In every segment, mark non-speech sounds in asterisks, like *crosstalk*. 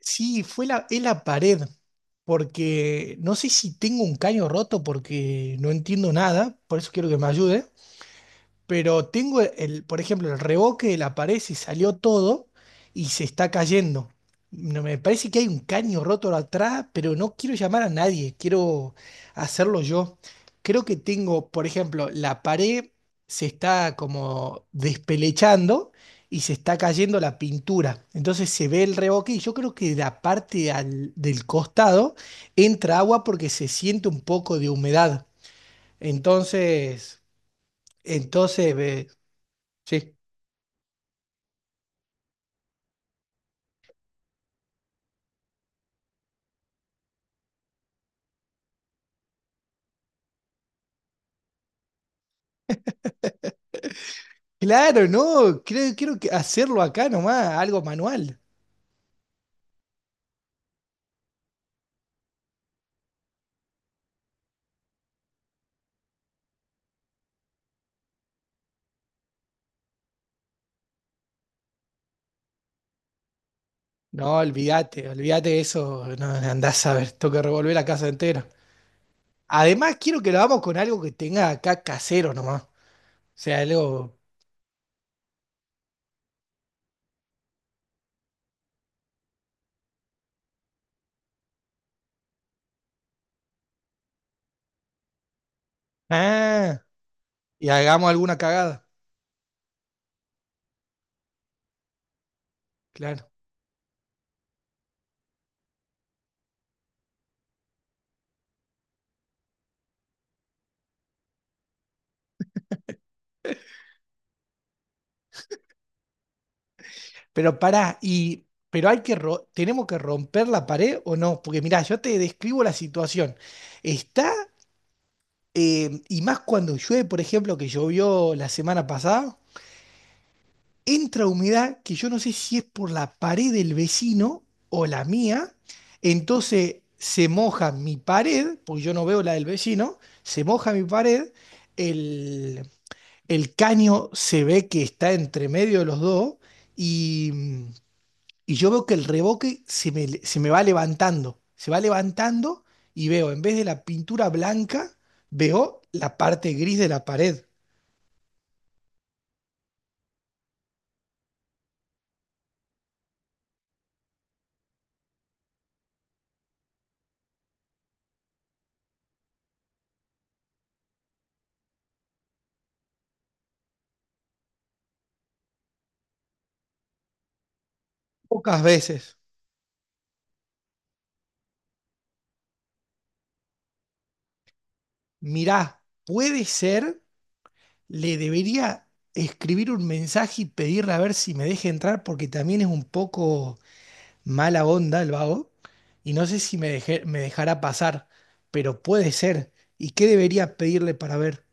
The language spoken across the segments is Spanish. Sí, fue la, es la pared, porque no sé si tengo un caño roto porque no entiendo nada, por eso quiero que me ayude. Pero tengo el, por ejemplo, el reboque de la pared se salió todo y se está cayendo. No, me parece que hay un caño roto atrás, pero no quiero llamar a nadie, quiero hacerlo yo. Creo que tengo, por ejemplo, la pared se está como despelechando y se está cayendo la pintura. Entonces se ve el reboque y yo creo que de la parte del costado entra agua porque se siente un poco de humedad. Entonces, entonces, ve- Sí. Claro, no, creo, quiero que hacerlo acá nomás, algo manual. No, olvídate, olvídate de eso, no, andás a ver, tengo que revolver la casa entera. Además, quiero que lo hagamos con algo que tenga acá casero nomás. O sea, algo. Ah, y hagamos alguna cagada, claro. Pero pará, y. Pero hay que tenemos que romper la pared o no, porque mirá, yo te describo la situación. Está, y más cuando llueve, por ejemplo, que llovió la semana pasada. Entra humedad que yo no sé si es por la pared del vecino o la mía, entonces se moja mi pared, porque yo no veo la del vecino, se moja mi pared, el, el caño se ve que está entre medio de los dos y, y yo veo que el revoque se me va levantando, se va levantando y veo, en vez de la pintura blanca, veo la parte gris de la pared. Pocas veces. Mirá, puede ser. Le debería escribir un mensaje y pedirle a ver si me deja entrar porque también es un poco mala onda el vago y no sé si me, me dejará pasar, pero puede ser. ¿Y qué debería pedirle para ver,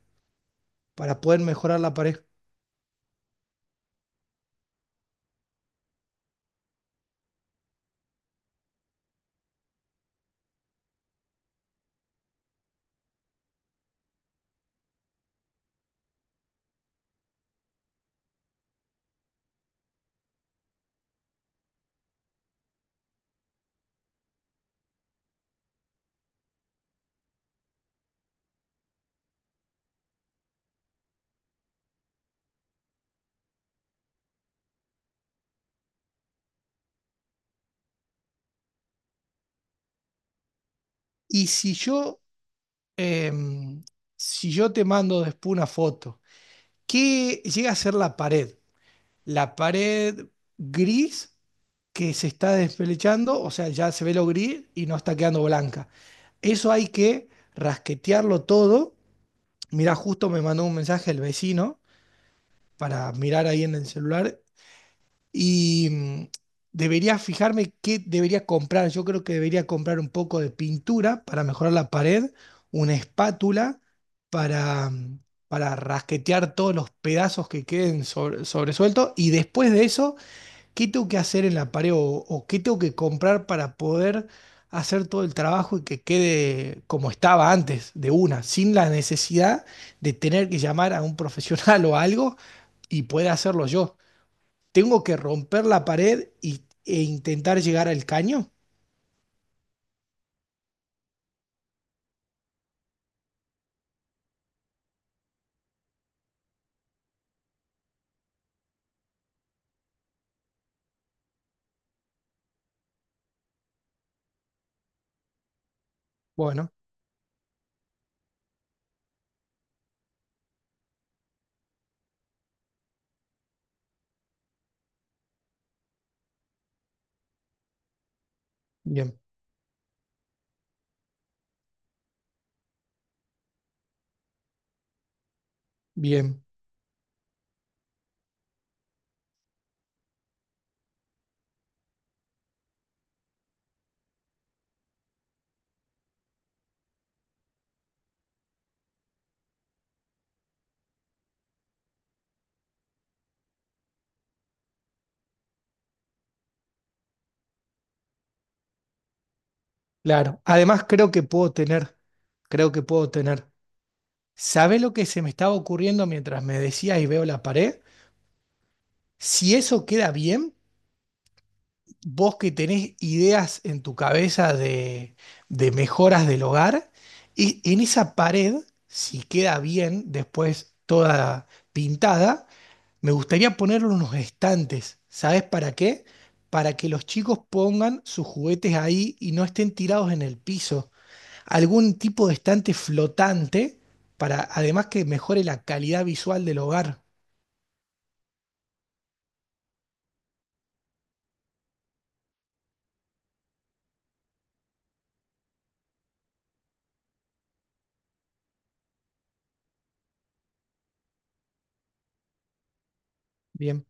para poder mejorar la pared? Y si yo, em, si yo te mando después una foto, ¿qué llega a ser la pared? ¿La pared gris? Que se está despelechando, o sea, ya se ve lo gris y no está quedando blanca. Eso hay que rasquetearlo todo. Mirá, justo me mandó un mensaje el vecino para mirar ahí en el celular y debería fijarme qué debería comprar. Yo creo que debería comprar un poco de pintura para mejorar la pared, una espátula para, para rasquetear todos los pedazos que queden sobresueltos y después de eso, ¿qué tengo que hacer en la pared o qué tengo que comprar para poder hacer todo el trabajo y que quede como estaba antes, de una, sin la necesidad de tener que llamar a un profesional *laughs* o algo y pueda hacerlo yo? ¿Tengo que romper la pared e intentar llegar al caño? Bueno, bien, bien, claro. Además, creo que puedo tener, creo que puedo tener. ¿Sabe lo que se me estaba ocurriendo mientras me decías y veo la pared? Si eso queda bien. Vos que tenés ideas en tu cabeza de mejoras del hogar, y en esa pared, si queda bien después toda pintada, me gustaría ponerle unos estantes. ¿Sabes para qué? Para que los chicos pongan sus juguetes ahí y no estén tirados en el piso. Algún tipo de estante flotante para además que mejore la calidad visual del hogar. Bien.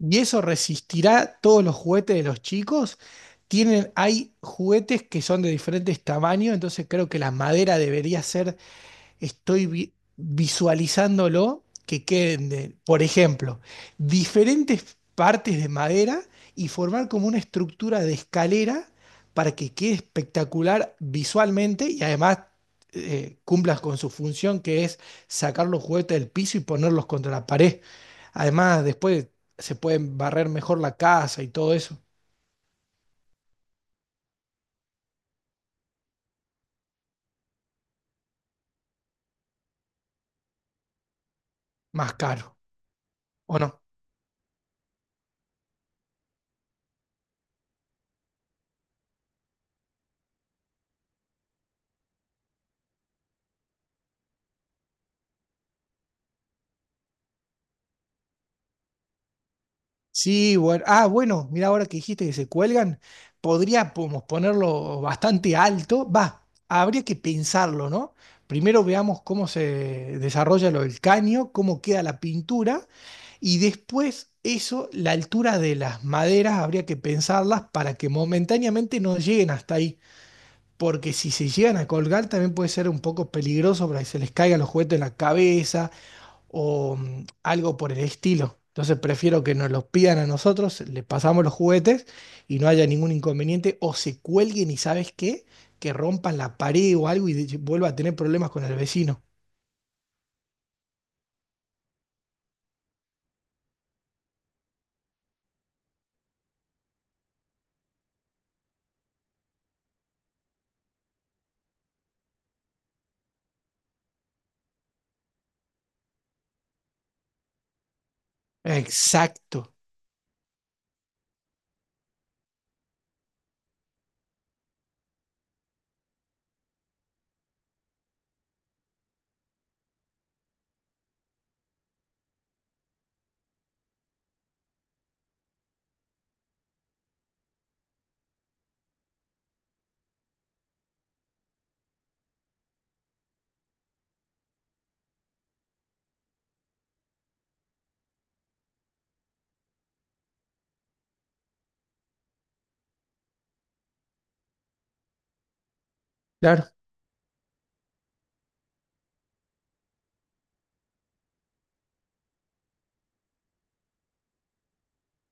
¿Y eso resistirá todos los juguetes de los chicos? Tienen, hay juguetes que son de diferentes tamaños, entonces creo que la madera debería ser, estoy visualizándolo que queden, por ejemplo, diferentes partes de madera y formar como una estructura de escalera para que quede espectacular visualmente y además cumplas con su función que es sacar los juguetes del piso y ponerlos contra la pared. Además, después se pueden barrer mejor la casa y todo eso, más caro, ¿o no? Sí, bueno. Ah, bueno, mira, ahora que dijiste que se cuelgan, podríamos ponerlo bastante alto. Va, habría que pensarlo, ¿no? Primero veamos cómo se desarrolla lo del caño, cómo queda la pintura, y después eso, la altura de las maderas, habría que pensarlas para que momentáneamente no lleguen hasta ahí. Porque si se llegan a colgar, también puede ser un poco peligroso para que se les caigan los juguetes en la cabeza o algo por el estilo. Entonces prefiero que nos los pidan a nosotros, le pasamos los juguetes y no haya ningún inconveniente o se cuelguen y sabes qué, que rompan la pared o algo vuelva a tener problemas con el vecino. Exacto. Claro.